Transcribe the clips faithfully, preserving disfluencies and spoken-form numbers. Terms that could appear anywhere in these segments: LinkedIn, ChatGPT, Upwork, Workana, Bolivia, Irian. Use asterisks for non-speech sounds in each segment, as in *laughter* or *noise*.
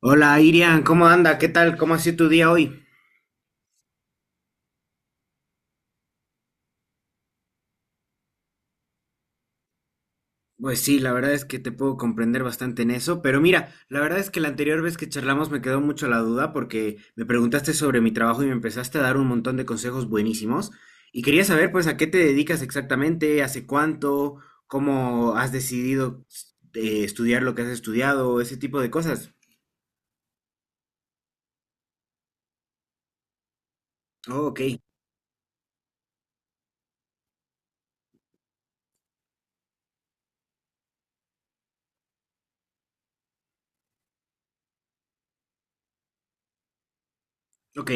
Hola Irian, ¿cómo anda? ¿Qué tal? ¿Cómo ha sido tu día hoy? Pues sí, la verdad es que te puedo comprender bastante en eso, pero mira, la verdad es que la anterior vez que charlamos me quedó mucho la duda porque me preguntaste sobre mi trabajo y me empezaste a dar un montón de consejos buenísimos y quería saber pues a qué te dedicas exactamente, hace cuánto, cómo has decidido eh, estudiar lo que has estudiado, ese tipo de cosas. Oh, ok, ok.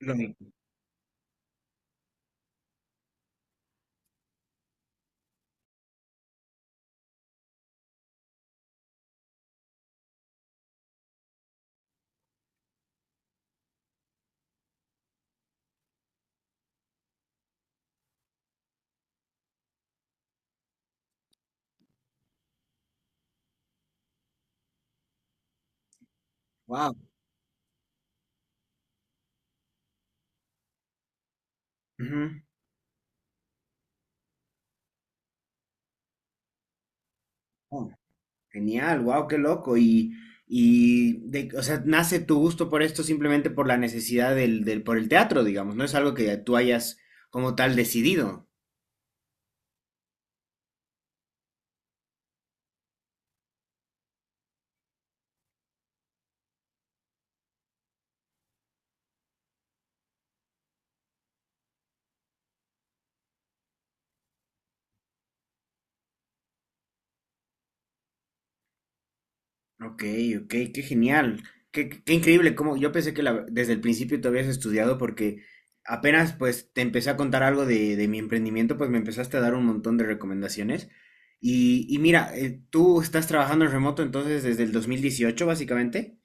Lo mismo. Wow. Genial, wow, qué loco. Y, y de, o sea, nace tu gusto por esto simplemente por la necesidad del, del, por el teatro, digamos. No es algo que tú hayas como tal decidido. Ok, ok, qué genial. Qué, qué- qué increíble. Como yo pensé que la- desde el principio tú habías estudiado porque apenas pues te empecé a contar algo de, de mi emprendimiento, pues me empezaste a dar un montón de recomendaciones. Y, y mira, eh, tú estás trabajando en remoto entonces desde el dos mil dieciocho básicamente.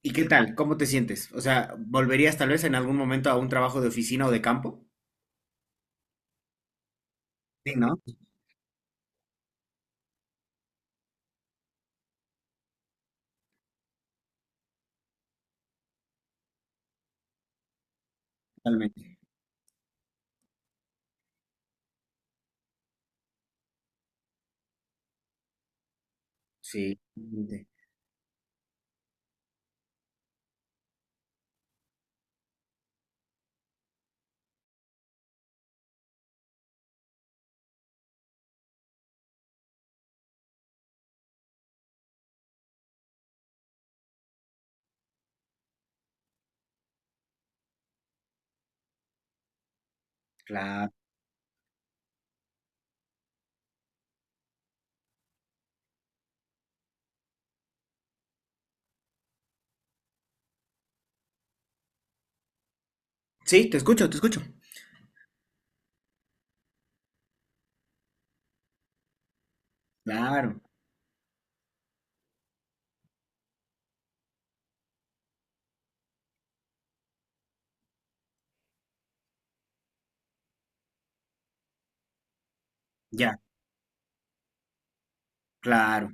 ¿Y qué tal? ¿Cómo te sientes? O sea, ¿volverías tal vez en algún momento a un trabajo de oficina o de campo? Sí, ¿no? Totalmente. Sí, totalmente. Claro. Sí, te escucho, te escucho. Claro, ya, claro.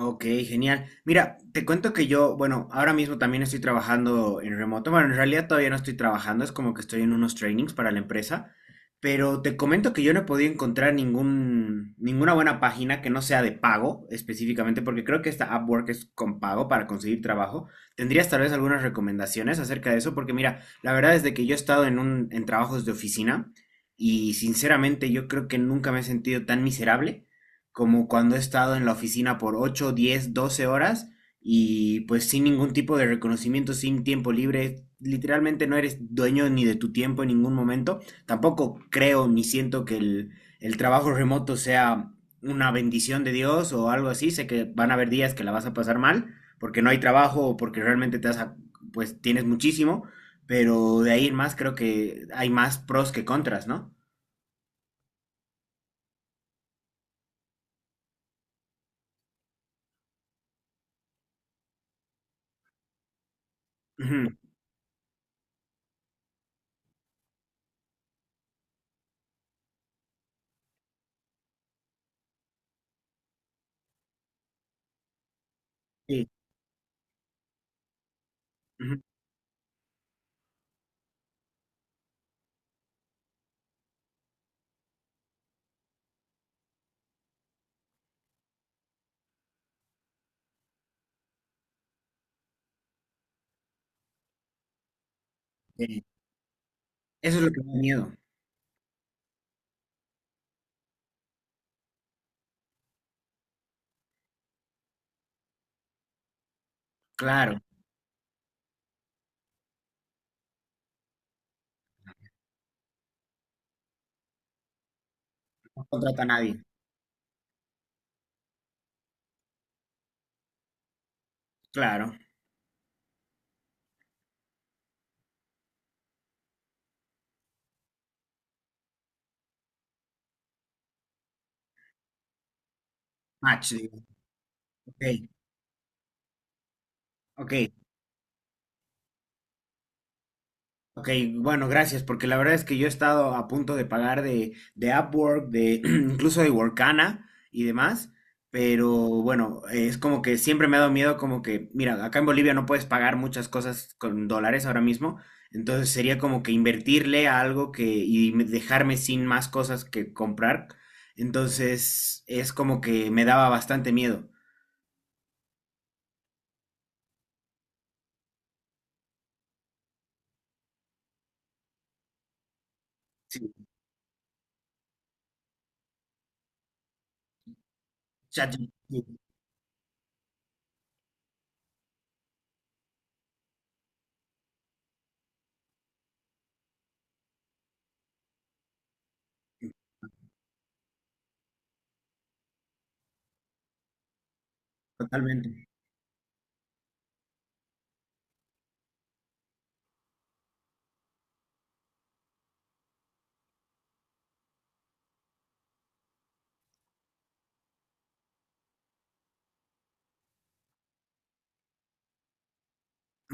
Ok, genial. Mira, te cuento que yo, bueno, ahora mismo también estoy trabajando en remoto. Bueno, en realidad todavía no estoy trabajando, es como que estoy en unos trainings para la empresa, pero te comento que yo no he podido encontrar ningún, ninguna buena página que no sea de pago específicamente, porque creo que esta Upwork es con pago para conseguir trabajo. ¿Tendrías tal vez algunas recomendaciones acerca de eso? Porque mira, la verdad es de que yo he estado en un, en trabajos de oficina y sinceramente yo creo que nunca me he sentido tan miserable como cuando he estado en la oficina por ocho diez doce horas y pues sin ningún tipo de reconocimiento, sin tiempo libre, literalmente no eres dueño ni de tu tiempo en ningún momento. Tampoco creo ni siento que el, el trabajo remoto sea una bendición de Dios o algo así. Sé que van a haber días que la vas a pasar mal porque no hay trabajo o porque realmente te vas a- pues tienes muchísimo, pero de ahí en más creo que hay más pros que contras, ¿no? Ujú, sí. Ujú, sí. Eso es lo que me da miedo. Claro, no contrata a nadie. Claro, match, digo. Ok, ok, ok. Bueno, gracias, porque la verdad es que yo he estado a punto de pagar de, de Upwork, de *clears throat* incluso de Workana y demás, pero bueno, es como que siempre me ha dado miedo, como que, mira, acá en Bolivia no puedes pagar muchas cosas con dólares ahora mismo, entonces sería como que invertirle a algo que y me- dejarme sin más cosas que comprar, entonces es como que me daba bastante miedo. Sí, ChatGPT. Totalmente.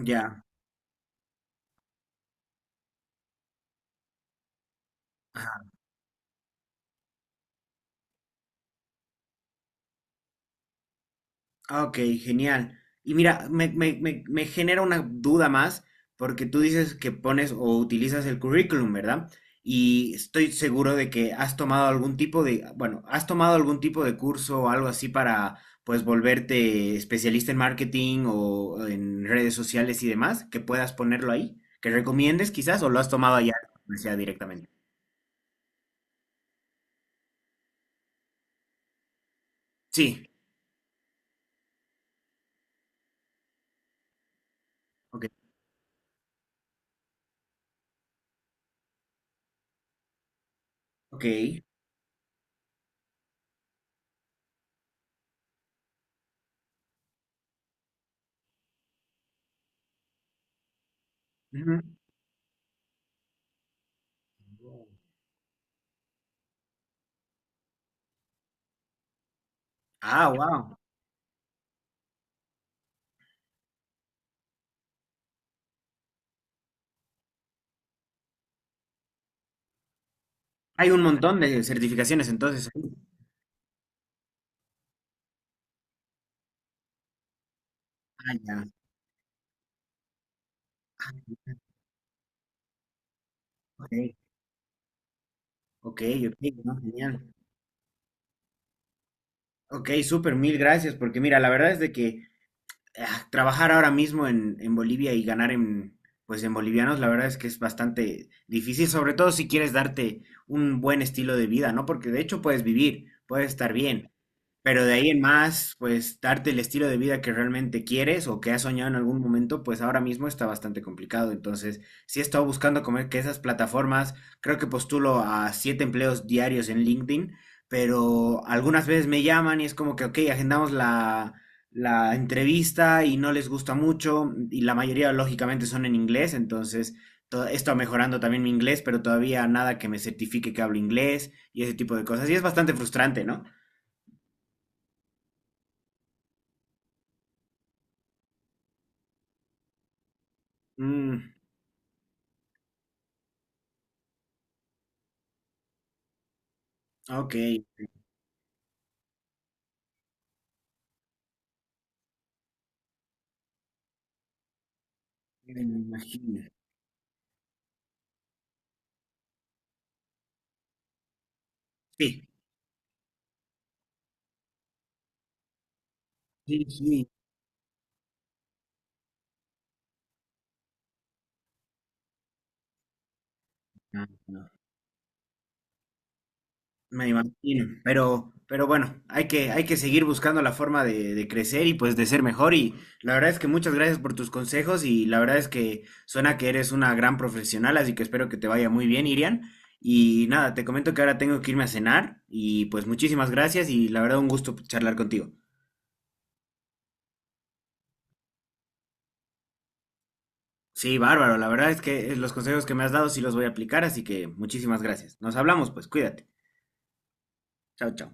Ya. Ajá. Ah, ok, genial. Y mira, me, me, me, me genera una duda más, porque tú dices que pones o utilizas el currículum, ¿verdad? Y estoy seguro de que has tomado algún tipo de, bueno, has tomado algún tipo de curso o algo así para, pues, volverte especialista en marketing o en redes sociales y demás, que puedas ponerlo ahí, que recomiendes quizás, o lo has tomado allá, o sea directamente. Sí. Ok. Ok. Ujú. Ah, wow. Hay un montón de certificaciones, entonces. Ah, ya. Ok, ok, ok, no, genial. Ok, súper, mil gracias, porque mira, la verdad es de que ah, trabajar ahora mismo en, en Bolivia y ganar en, pues en bolivianos, la verdad es que es bastante difícil, sobre todo si quieres darte un buen estilo de vida, ¿no? Porque de hecho puedes vivir, puedes estar bien. Pero de ahí en más, pues darte el estilo de vida que realmente quieres o que has soñado en algún momento, pues ahora mismo está bastante complicado. Entonces, sí he estado buscando comer que esas plataformas, creo que postulo a siete empleos diarios en LinkedIn, pero algunas veces me llaman y es como que, ok, agendamos la, la entrevista y no les gusta mucho y la mayoría lógicamente son en inglés, entonces to- he estado mejorando también mi inglés, pero todavía nada que me certifique que hablo inglés y ese tipo de cosas. Y es bastante frustrante, ¿no? Mm. Ah, ok, me imagino. Sí, sí, sí. Ah, no, me imagino. Pero, pero bueno, hay que, hay que seguir buscando la forma de, de crecer y pues de ser mejor. Y la verdad es que muchas gracias por tus consejos y la verdad es que suena que eres una gran profesional, así que espero que te vaya muy bien, Irian. Y nada, te comento que ahora tengo que irme a cenar y pues muchísimas gracias y la verdad un gusto charlar contigo. Sí, bárbaro, la verdad es que los consejos que me has dado sí los voy a aplicar, así que muchísimas gracias. Nos hablamos, pues cuídate. Chao, chao.